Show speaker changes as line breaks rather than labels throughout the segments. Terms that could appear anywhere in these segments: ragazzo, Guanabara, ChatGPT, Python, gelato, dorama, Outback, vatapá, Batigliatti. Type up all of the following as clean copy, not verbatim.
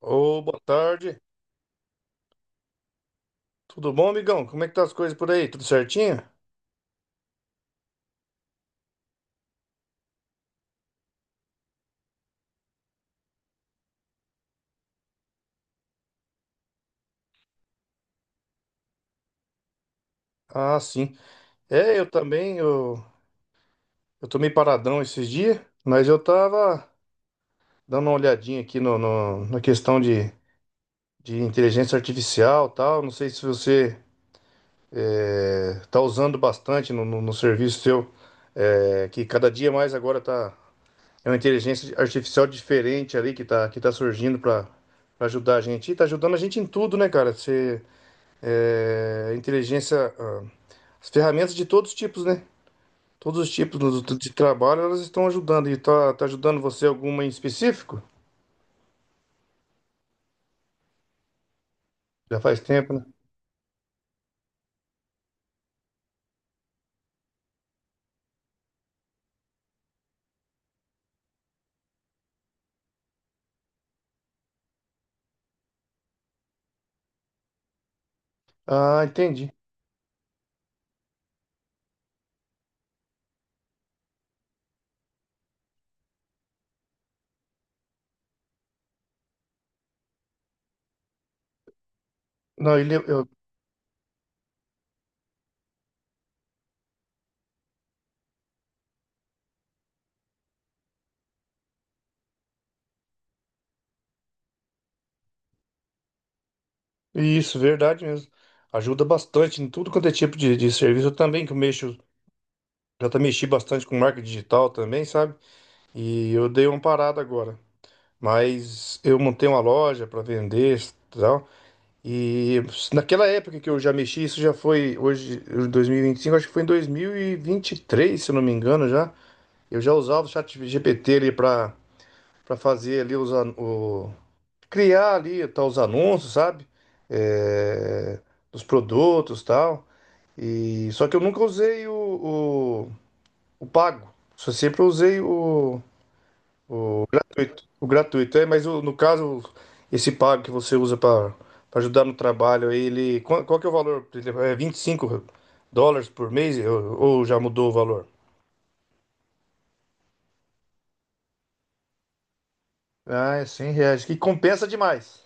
Ô, boa tarde. Tudo bom, amigão? Como é que tá as coisas por aí? Tudo certinho? Ah, sim. É, eu também, eu tô meio paradão esses dias, mas eu tava dando uma olhadinha aqui no, na questão de inteligência artificial e tal. Não sei se você tá usando bastante no serviço seu, que cada dia mais agora tá. É uma inteligência artificial diferente ali que tá surgindo pra ajudar a gente. E tá ajudando a gente em tudo, né, cara? Você. É, as ferramentas de todos os tipos, né? Todos os tipos de trabalho, elas estão ajudando. E tá ajudando você alguma em específico? Já faz tempo, né? Ah, entendi. Não, isso, verdade mesmo. Ajuda bastante em tudo quanto é tipo de serviço. Eu também que eu mexo, já tá mexi bastante com marca digital também, sabe? E eu dei uma parada agora. Mas eu montei uma loja para vender, e tal. E naquela época que eu já mexi, isso já foi hoje 2025, acho que foi em 2023, se eu não me engano, já. Eu já usava o chat GPT ali para fazer ali criar ali os anúncios, sabe? É, dos produtos, tal. E só que eu nunca usei o pago. Só sempre usei o gratuito. O gratuito, mas no caso, esse pago que você usa para ajudar no trabalho, aí ele. Qual que é o valor? Ele é US$ 25 por mês ou, já mudou o valor? Ah, é R$ 100, que compensa demais.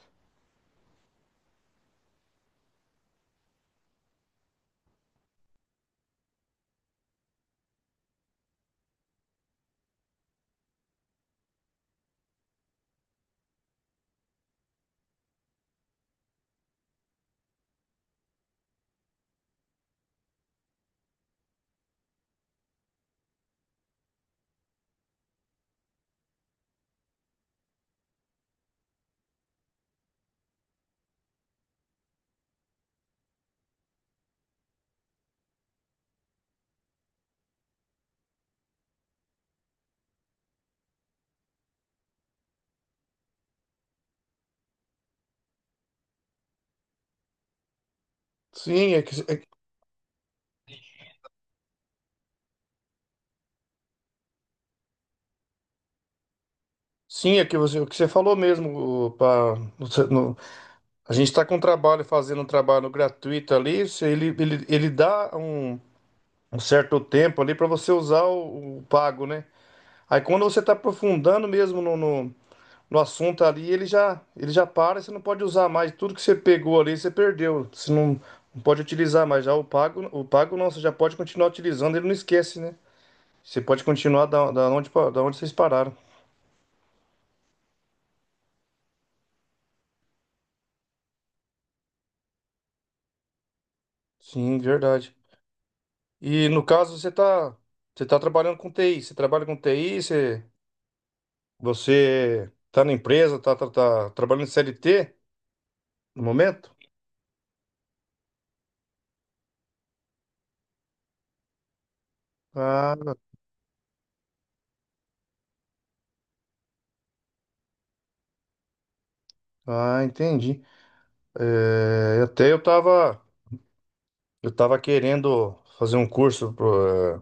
Sim, é que você, o que você falou mesmo, o- pra, no- no- a gente está com um trabalho, fazendo um trabalho gratuito ali, se ele dá um, certo tempo ali para você usar o pago, né? Aí quando você está aprofundando mesmo no assunto ali, ele já para, e você não pode usar mais. Tudo que você pegou ali, você perdeu. Você não pode utilizar mais. Já o pago não, você já pode continuar utilizando, ele não esquece, né? Você pode continuar da onde vocês pararam. Sim, verdade. E no caso, você tá trabalhando com TI. Você trabalha com TI, você tá na empresa, tá trabalhando em CLT no momento? Ah, ah, entendi. É, até eu tava. Eu tava querendo fazer um curso pro, eh,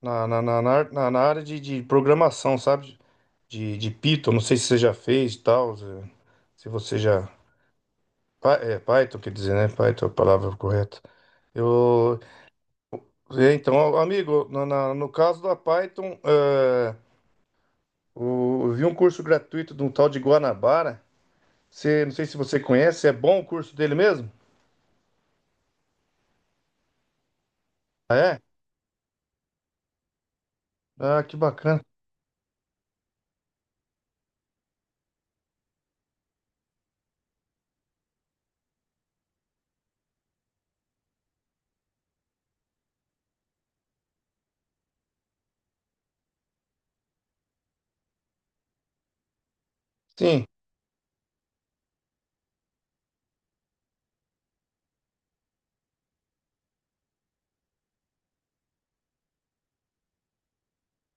na, na, na, na- na- na área de programação, sabe? De Python, não sei se você já fez e tal, se você já. É, Python, quer dizer, né? Python é a palavra correta. Eu. Então, amigo, no caso da Python, eu vi um curso gratuito de um tal de Guanabara. Você, não sei se você conhece, é bom o curso dele mesmo? Ah, é? Ah, que bacana. Sim.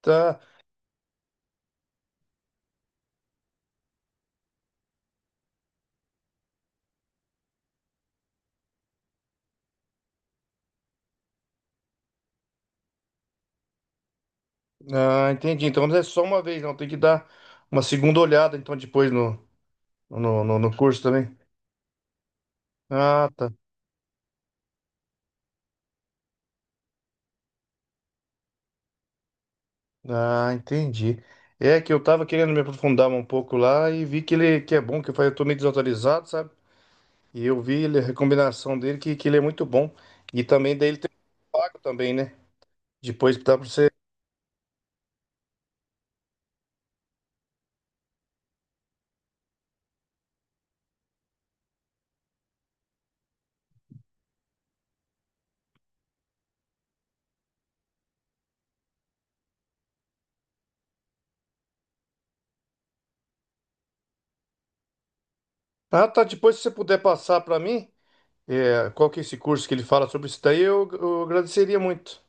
Tá. Ah, entendi. Então não é só uma vez, não. Tem que dar uma segunda olhada, então, depois no curso também. Ah, tá. Ah, entendi. É que eu tava querendo me aprofundar um pouco lá e vi que ele que é bom, que eu falei, eu tô meio desatualizado, sabe? E eu vi ele, a recomendação dele que ele é muito bom. E também daí ele tem pago também, né? Depois dá pra você. Ah, tá. Depois se você puder passar pra mim, qual que é esse curso que ele fala sobre isso daí, eu agradeceria muito.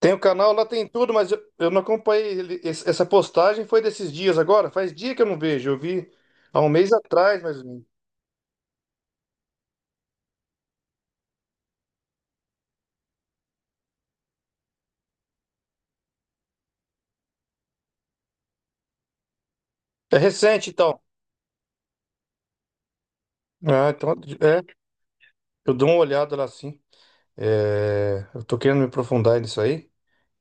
Tem o canal, lá tem tudo, mas eu não acompanhei. Essa postagem foi desses dias agora? Faz dia que eu não vejo. Eu vi há um mês atrás, mais ou menos. É recente, então. Ah, então, é. Eu dou uma olhada lá, sim. É, eu tô querendo me aprofundar nisso aí.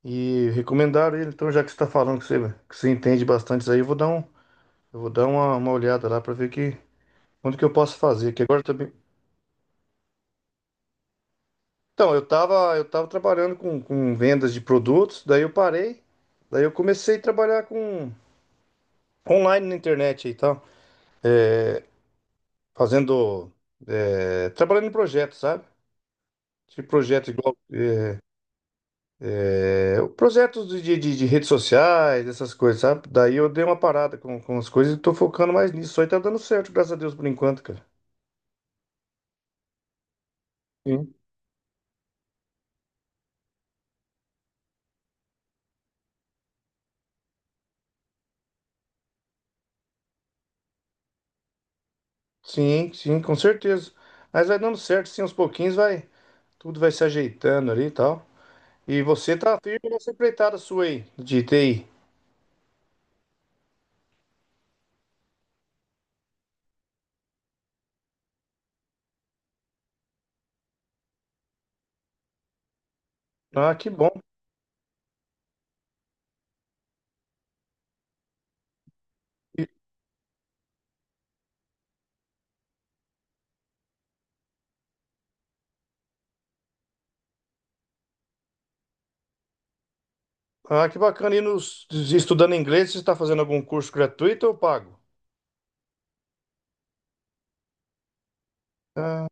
E recomendaram ele, então, já que você tá falando que você entende bastante isso aí, eu vou dar um, eu vou dar uma, olhada lá para ver que, onde que eu posso fazer. Que agora também. Então, eu tava trabalhando com vendas de produtos, daí eu parei, daí eu comecei a trabalhar com. Online na internet e tal, é, fazendo, trabalhando em projetos, sabe? De projeto igual, projetos de redes sociais, essas coisas, sabe? Daí eu dei uma parada com as coisas e tô focando mais nisso. Isso aí tá dando certo, graças a Deus, por enquanto, cara. Sim, sim, sim, com certeza. Mas vai dando certo, sim, aos pouquinhos vai, tudo vai se ajeitando ali e tal. E você tá firme nessa empreitada sua aí, de TI. Ah, que bom. Ah, que bacana. E estudando inglês, você está fazendo algum curso gratuito ou pago? Ah,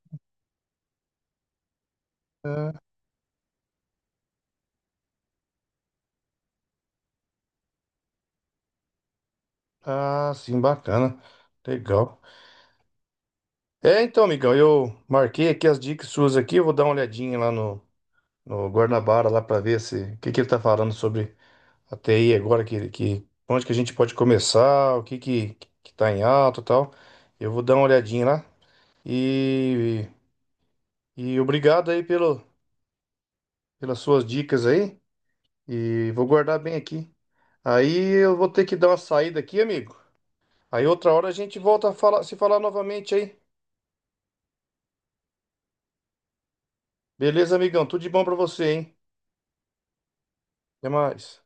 ah, sim, bacana. Legal. É, então, amigão, eu marquei aqui as dicas suas aqui. Eu vou dar uma olhadinha lá no Guarnabara, lá para ver se o que, que ele está falando sobre a TI agora, onde que a gente pode começar, o que que tá em alta e tal. Eu vou dar uma olhadinha lá. E, e obrigado aí pelas suas dicas aí. E vou guardar bem aqui. Aí eu vou ter que dar uma saída aqui, amigo. Aí outra hora a gente volta a falar, se falar novamente aí. Beleza, amigão? Tudo de bom pra você, hein? Até mais.